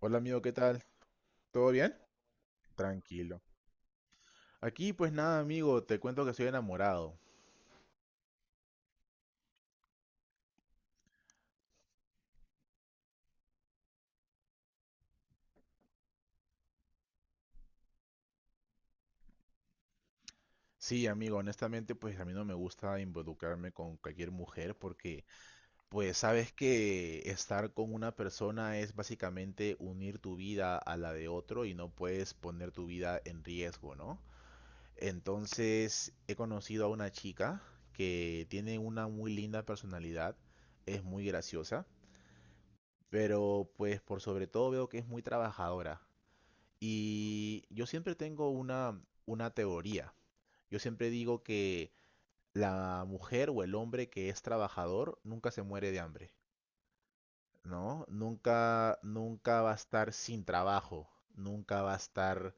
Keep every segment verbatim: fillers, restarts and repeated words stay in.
Hola amigo, ¿qué tal? ¿Todo bien? Tranquilo. Aquí pues nada amigo, te cuento que soy enamorado. Sí amigo, honestamente pues a mí no me gusta involucrarme con cualquier mujer porque pues sabes que estar con una persona es básicamente unir tu vida a la de otro y no puedes poner tu vida en riesgo, ¿no? Entonces he conocido a una chica que tiene una muy linda personalidad, es muy graciosa, pero pues por sobre todo veo que es muy trabajadora. Y yo siempre tengo una, una teoría. Yo siempre digo que la mujer o el hombre que es trabajador nunca se muere de hambre, ¿no? Nunca, nunca va a estar sin trabajo, nunca va a estar,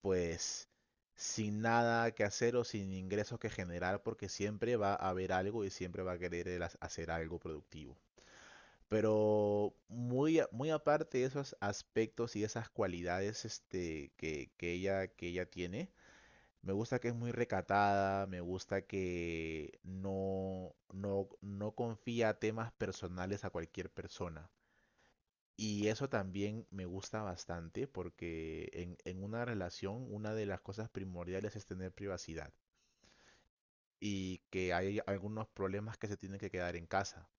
pues, sin nada que hacer o sin ingresos que generar, porque siempre va a haber algo y siempre va a querer el ha- hacer algo productivo. Pero muy, a- muy aparte de esos aspectos y esas cualidades este, que, que ella, que ella tiene, me gusta que es muy recatada, me gusta que no, no, no confía temas personales a cualquier persona. Y eso también me gusta bastante porque en, en una relación una de las cosas primordiales es tener privacidad y que hay algunos problemas que se tienen que quedar en casa.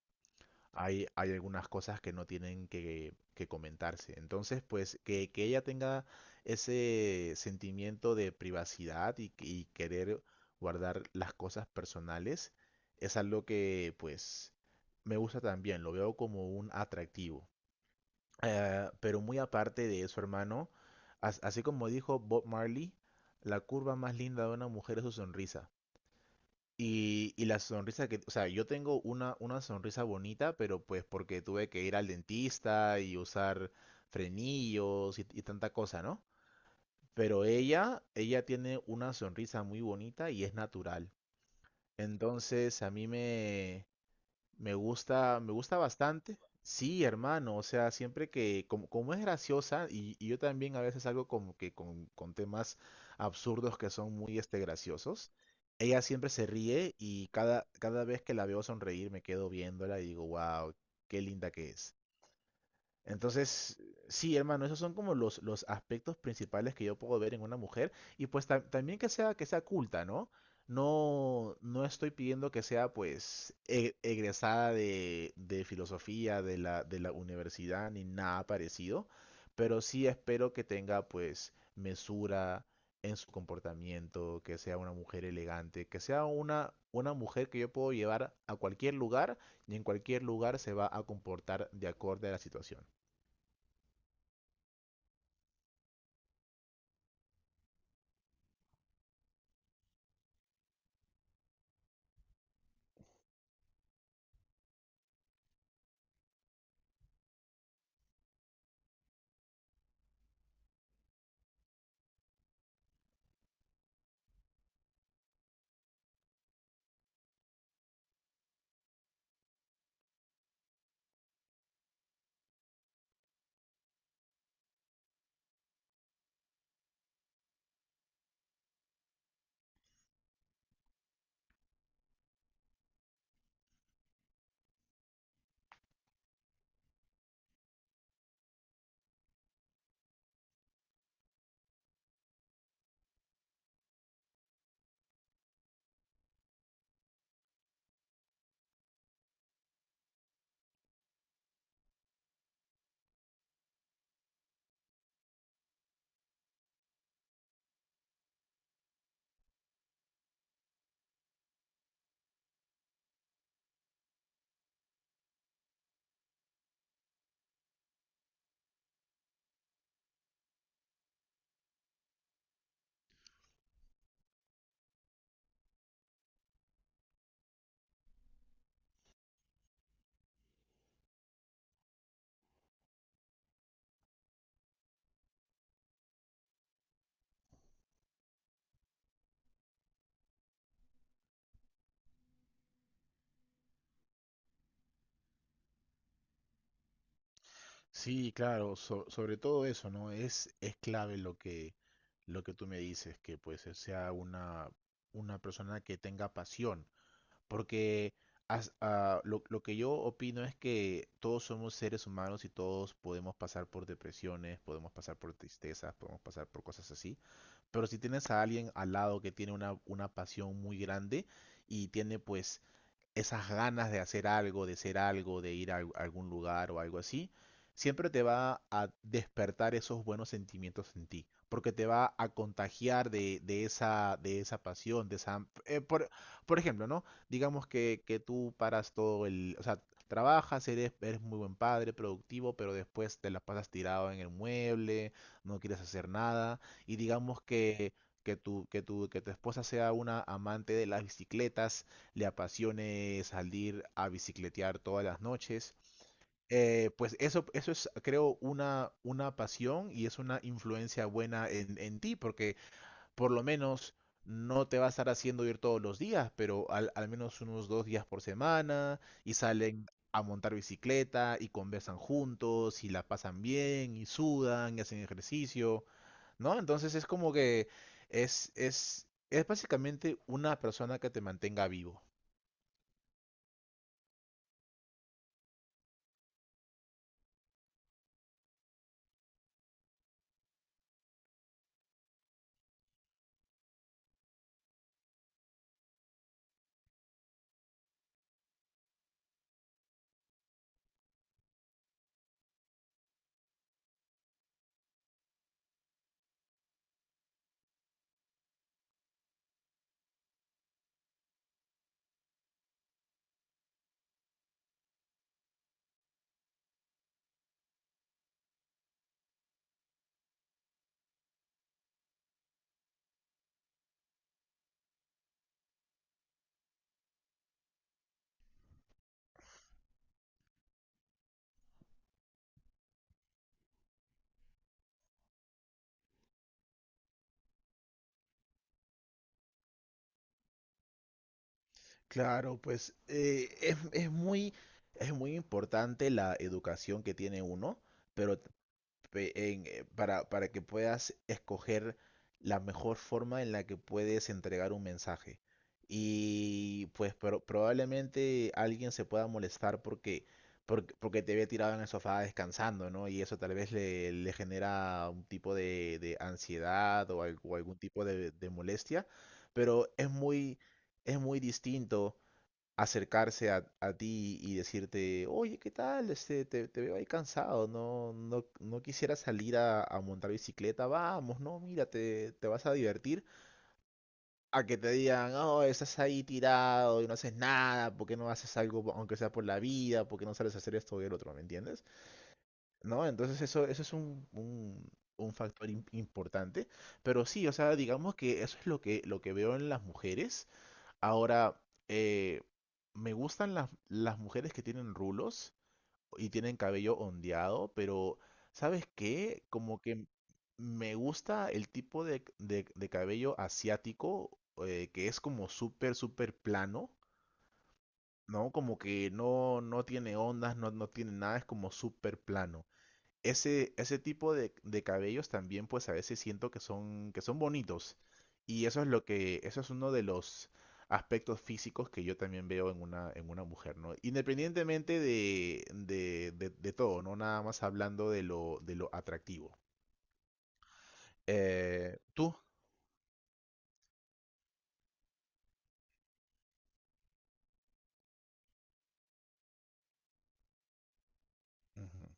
hay, Hay algunas cosas que no tienen que, que comentarse. Entonces, pues que, que ella tenga ese sentimiento de privacidad y, y querer guardar las cosas personales es algo que pues me gusta también, lo veo como un atractivo. Eh, pero muy aparte de eso, hermano, as- así como dijo Bob Marley, la curva más linda de una mujer es su sonrisa. Y, y la sonrisa que, o sea, yo tengo una, una sonrisa bonita, pero pues porque tuve que ir al dentista y usar frenillos y, y tanta cosa, ¿no? Pero ella, ella tiene una sonrisa muy bonita y es natural. Entonces a mí me, me gusta, me gusta bastante. Sí, hermano, o sea, siempre que, como, como es graciosa, y, y yo también a veces algo como que con, con temas absurdos que son muy este graciosos, ella siempre se ríe y cada, cada vez que la veo sonreír me quedo viéndola y digo, wow, qué linda que es. Entonces, sí, hermano, esos son como los, los aspectos principales que yo puedo ver en una mujer. Y pues tam- también que sea, que sea culta, ¿no? No, no estoy pidiendo que sea pues e- egresada de, de filosofía de la, de la universidad ni nada parecido, pero sí espero que tenga pues mesura en su comportamiento, que sea una mujer elegante, que sea una, una mujer que yo puedo llevar a cualquier lugar y en cualquier lugar se va a comportar de acorde a la situación. Sí, claro, so- sobre todo eso, ¿no? Es, es clave lo que, lo que tú me dices, que pues eh, sea una, una persona que tenga pasión, porque as- ah, lo, lo que yo opino es que todos somos seres humanos y todos podemos pasar por depresiones, podemos pasar por tristezas, podemos pasar por cosas así, pero si tienes a alguien al lado que tiene una, una pasión muy grande y tiene pues esas ganas de hacer algo, de ser algo, de ir a al- algún lugar o algo así, siempre te va a despertar esos buenos sentimientos en ti, porque te va a contagiar de, de esa, de esa pasión, de esa... eh, por, por ejemplo, ¿no? Digamos que, que tú paras todo el... O sea, trabajas, eres, eres muy buen padre, productivo, pero después te la pasas tirado en el mueble, no quieres hacer nada, y digamos que... Que tu, que tu, que tu esposa sea una amante de las bicicletas, le apasione salir a bicicletear todas las noches. Eh, pues eso, eso es, creo, una, una pasión y es una influencia buena en, en ti, porque por lo menos no te va a estar haciendo ir todos los días, pero al, al menos unos dos días por semana y salen a montar bicicleta y conversan juntos y la pasan bien y sudan y hacen ejercicio, ¿no? Entonces es como que es, es, es básicamente una persona que te mantenga vivo. Claro, pues eh, es, es muy, es muy importante la educación que tiene uno, pero t- pe- en, eh, para, para que puedas escoger la mejor forma en la que puedes entregar un mensaje. Y pues pro- probablemente alguien se pueda molestar porque, porque, porque te ve tirado en el sofá descansando, ¿no? Y eso tal vez le, le genera un tipo de, de ansiedad o, al- o algún tipo de de molestia, pero es muy, es muy distinto acercarse a, a ti y decirte, oye, ¿qué tal? Este, te, te veo ahí cansado, no, no, no quisiera salir a, a montar bicicleta, vamos, no, mira, te, te vas a divertir. A que te digan, oh, estás ahí tirado y no haces nada, ¿por qué no haces algo, aunque sea por la vida? ¿Por qué no sales a hacer esto y el otro? ¿Me entiendes? ¿No? Entonces eso, eso es un, un, un factor im- importante. Pero sí, o sea, digamos que eso es lo que, lo que veo en las mujeres. Ahora, eh, me gustan las, las mujeres que tienen rulos y tienen cabello ondeado, pero ¿sabes qué? Como que me gusta el tipo de, de- de cabello asiático, eh, que es como súper, súper plano, ¿no? Como que no, no tiene ondas, no, no tiene nada, es como súper plano ese, ese tipo de, de cabellos también pues a veces siento que son, que son bonitos. Y eso es lo que, eso es uno de los aspectos físicos que yo también veo en una, en una mujer, ¿no? Independientemente de, de, de, de todo, ¿no? Nada más hablando de lo, de lo atractivo. Eh, ¿tú? Ujú.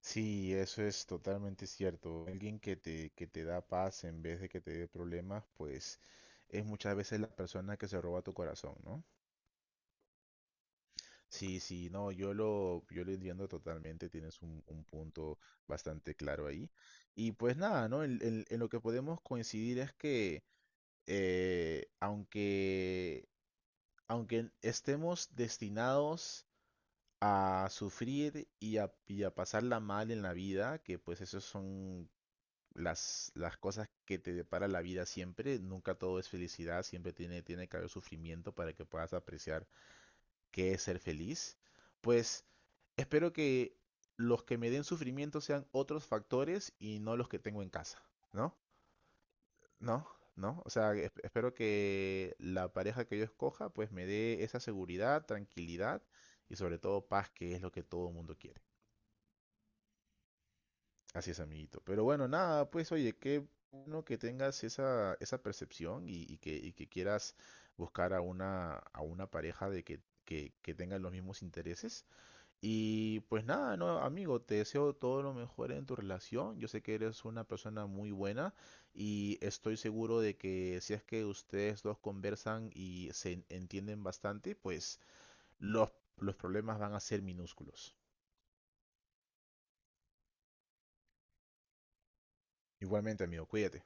Sí, eso es totalmente cierto. Alguien que te, que te da paz en vez de que te dé problemas, pues es muchas veces la persona que se roba tu corazón, ¿no? Sí, sí, no, yo lo, yo lo entiendo totalmente, tienes un, un punto bastante claro ahí. Y pues nada, ¿no? En, en- en lo que podemos coincidir es que eh, aunque, aunque estemos destinados a sufrir y a, y a pasarla mal en la vida, que pues esas son las, las cosas que te depara la vida siempre, nunca todo es felicidad, siempre tiene, tiene que haber sufrimiento para que puedas apreciar qué es ser feliz, pues... Espero que los que me den sufrimiento sean otros factores y no los que tengo en casa, ¿no? ¿No? ¿No? O sea, esp- espero que la pareja que yo escoja pues me dé esa seguridad, tranquilidad y sobre todo paz, que es lo que todo el mundo quiere. Así es, amiguito. Pero bueno, nada, pues oye, qué bueno que tengas esa, esa percepción y, y que, y que quieras buscar a una, a una pareja de que, que, que tengan los mismos intereses. Y pues nada, no, amigo, te deseo todo lo mejor en tu relación. Yo sé que eres una persona muy buena y estoy seguro de que si es que ustedes dos conversan y se en- entienden bastante, pues los, los problemas van a ser minúsculos. Igualmente, amigo, cuídate.